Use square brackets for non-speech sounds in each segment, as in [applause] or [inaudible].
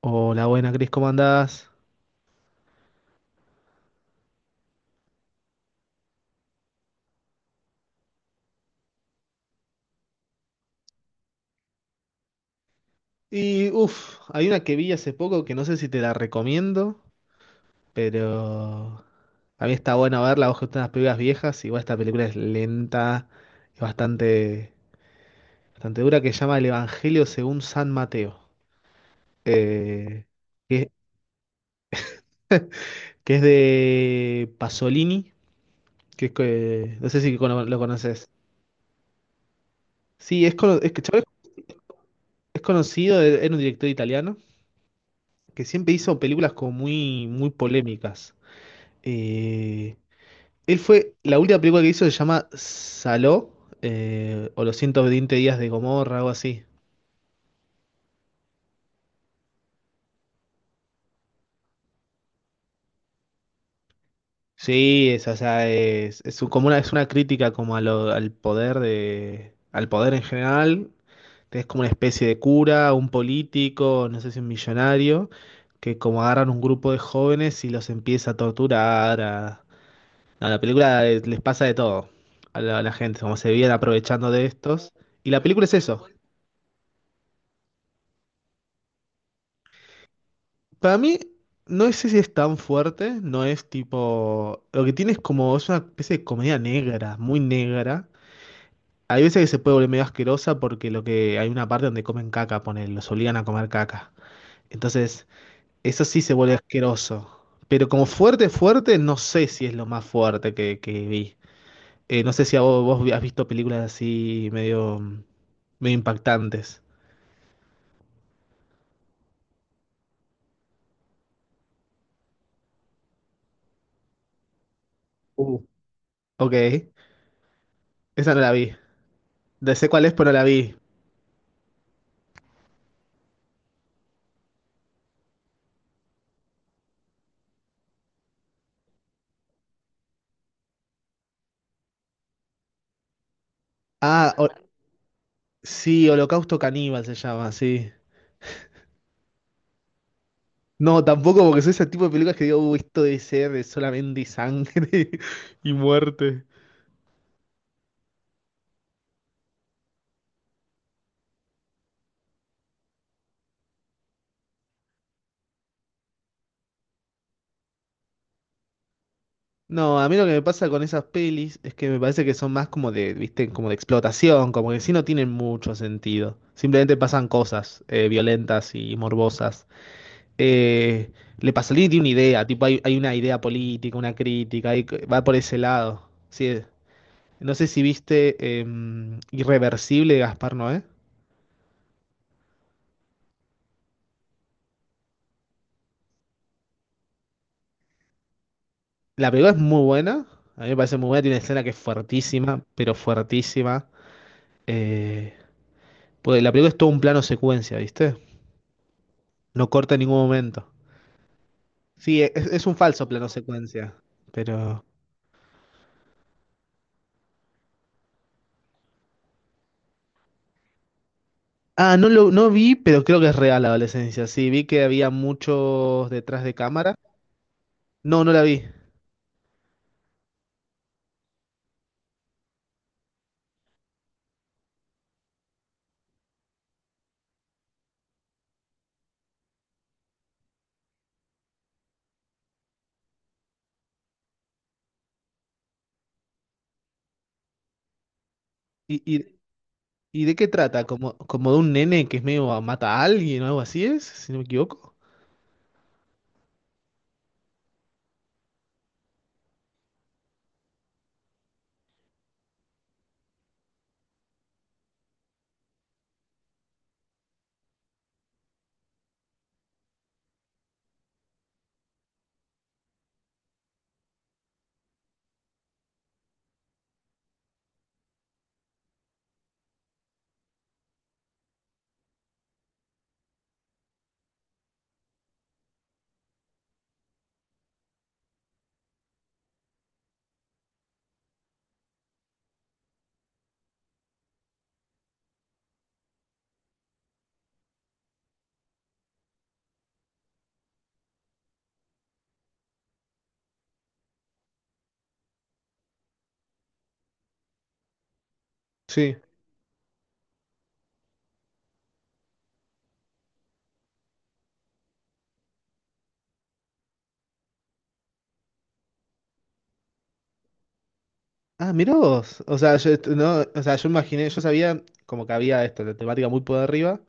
Hola, buena Cris, ¿cómo andás? Y uff, hay una que vi hace poco que no sé si te la recomiendo, pero a mí está bueno verla, vos que estás unas películas viejas, igual esta película es lenta, es bastante, bastante dura, que se llama El Evangelio según San Mateo. eh, que, que es de Pasolini, no sé si lo conoces. Sí, es, es que chabón es conocido, era un director italiano, que siempre hizo películas como muy polémicas. Eh, Él fue, la última película que hizo se llama Saló, o Los ciento veinte días de Gomorra, algo así. Sí, es, o sea, es como una, es una crítica como al poder de, al poder en general. Es como una especie de cura, un político, no sé si un millonario, que como agarran un grupo de jóvenes y los empieza a torturar. A... No, la película les pasa de todo a a la gente, como se vienen aprovechando de estos. Y la película es eso. Para mí, no sé si es tan fuerte, no es tipo... Lo que tiene es como, es una especie de comedia negra, muy negra. Hay veces que se puede volver medio asquerosa porque lo que hay una parte donde comen caca, ponen, los obligan a comer caca. Entonces, eso sí se vuelve asqueroso. Pero como fuerte, fuerte, no sé si es lo más fuerte que vi. No sé si a vos, vos has visto películas así medio, medio impactantes. Uh, Ok, esa no la vi. No sé cuál es, pero no la vi. Ah, o- Sí, Holocausto Caníbal se llama, sí. No, tampoco porque soy ese tipo de películas que digo, esto debe ser de solamente sangre [laughs] y muerte." No, a mí lo que me pasa con esas pelis es que me parece que son más como de, viste, como de explotación, como que sí no tienen mucho sentido. Simplemente pasan cosas violentas y morbosas. Eh, Le Pasolini tiene una idea, tipo hay una idea política, una crítica, hay- va por ese lado. Sí, no sé si viste Irreversible de Gaspar Noé. La película es muy buena. A mí me parece muy buena. Tiene una escena que es fuertísima, pero fuertísima. Eh, pues la película es todo un plano secuencia, ¿viste? No corta en ningún momento. Sí, es un falso plano secuencia. Pero. Ah, no vi, pero creo que es real la adolescencia. Sí, vi que había muchos detrás de cámara. No, no la vi. ¿Y, y, ¿y de qué trata? ¿Como, como de un nene que es medio mata a alguien o algo así es? Si no me equivoco. Sí. Ah, mirá vos. O sea, no, o sea, yo imaginé, yo sabía como que había esto, la temática muy por arriba.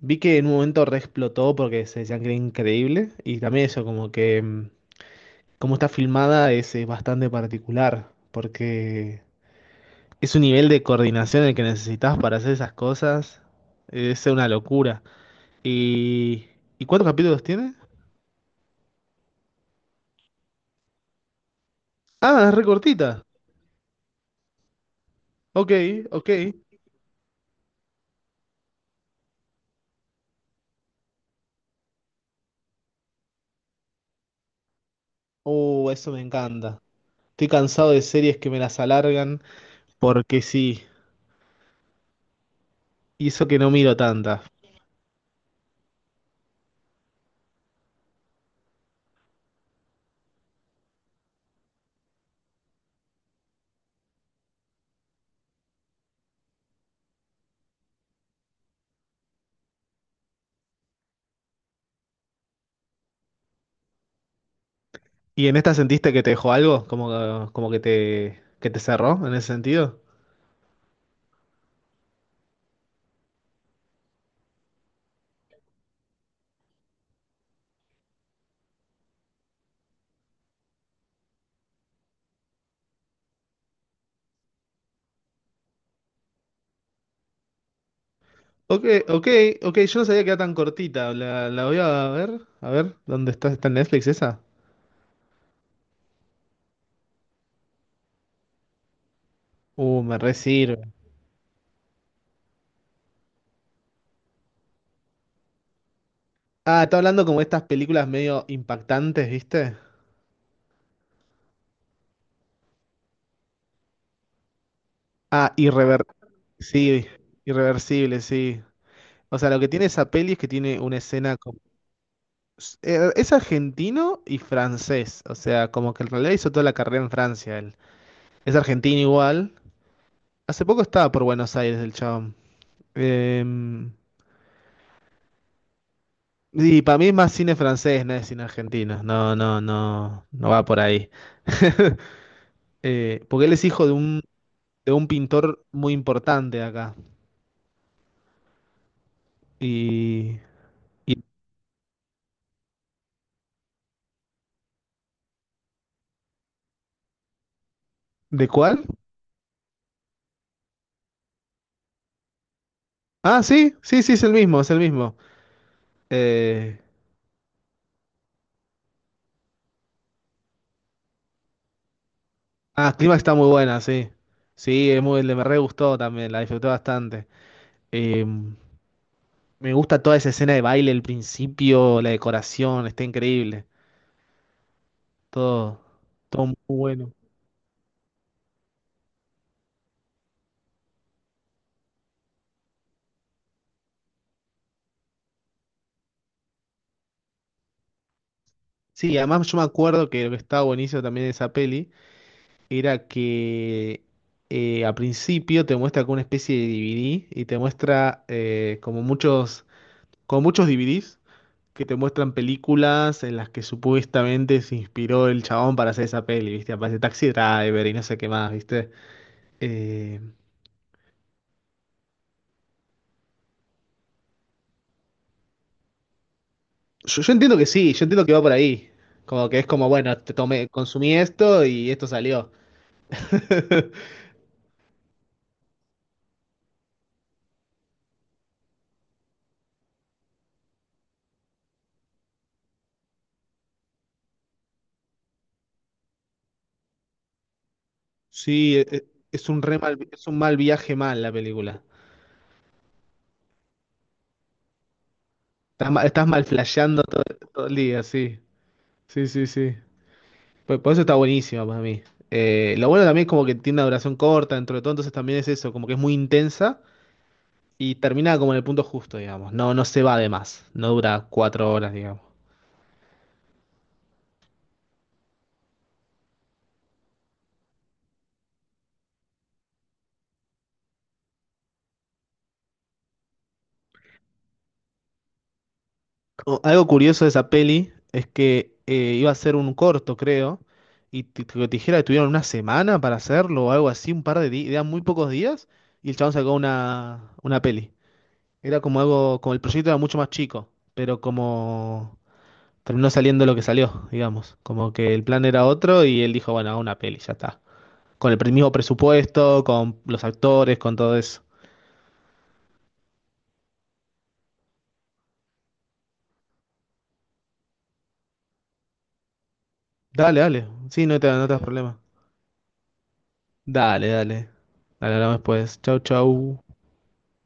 Vi que en un momento re explotó porque se decían que era increíble. Y también eso, como que como está filmada es, bastante particular. Porque es un nivel de coordinación el que necesitas para hacer esas cosas. Es una locura. ¿Y, ¿Y cuántos capítulos tiene? Ah, es re cortita. Ok, ok. Eso me encanta. Estoy cansado de series que me las alargan. Porque sí, hizo que no miro tantas. ¿Y en esta sentiste que te dejó algo? ¿Como, como que que te cerró en ese sentido? Ok, ok, ok, yo no sabía que era tan cortita. La voy a ver. A ver, ¿dónde está? ¿Está en Netflix esa? Me re sirve. Ah, está hablando como estas películas medio impactantes, ¿viste? Ah, sí, irreversible, sí. O sea, lo que tiene esa peli es que tiene una escena... como- Es argentino y francés. O sea, como que en realidad hizo toda la carrera en Francia. Es argentino igual. Hace poco estaba por Buenos Aires el chabón. Em, y para mí es más cine francés, no es cine argentino. No, no, no, no va por ahí. [laughs] Porque él es hijo de de un pintor muy importante de acá. Y, y- ¿De cuál? Ah, sí, sí, sí, es el mismo, es el mismo. Eh, ah, Clima está muy buena, sí. Sí, es muy, le me re gustó también, la disfruté bastante. Em, Me gusta toda esa escena de baile, el principio, la decoración, está increíble. Todo, todo muy bueno. Sí, además yo me acuerdo que lo que estaba buenísimo también de esa peli era que al principio te muestra como una especie de DVD y te muestra como muchos DVDs que te muestran películas en las que supuestamente se inspiró el chabón para hacer esa peli, ¿viste? Aparece Taxi Driver y no sé qué más, ¿viste? Eh, yo entiendo que sí, yo entiendo que va por ahí. Como que es como, bueno, te tomé, consumí esto y esto salió. [laughs] Sí, es un es un mal viaje mal la película. Estás, estás mal flasheando todo, todo el día, sí. Sí, sí, sí. Por eso está buenísima para mí. Lo bueno también es como que tiene una duración corta dentro de todo, entonces también es eso, como que es muy intensa y termina como en el punto justo, digamos. No, no se va de más, no dura cuatro horas, digamos. Algo curioso de esa peli es que iba a ser un corto, creo, y te dijera que tuvieron una semana para hacerlo o algo así, un par de días, eran muy pocos días, y el chabón sacó una peli. Era como algo, como el proyecto era mucho más chico, pero como terminó saliendo lo que salió, digamos, como que el plan era otro y él dijo, bueno, hago una peli, ya está. Con el mismo presupuesto, con los actores, con todo eso. Dale, dale, sí, no te das problema. Dale, dale. Dale, hablamos después. Chau, chau.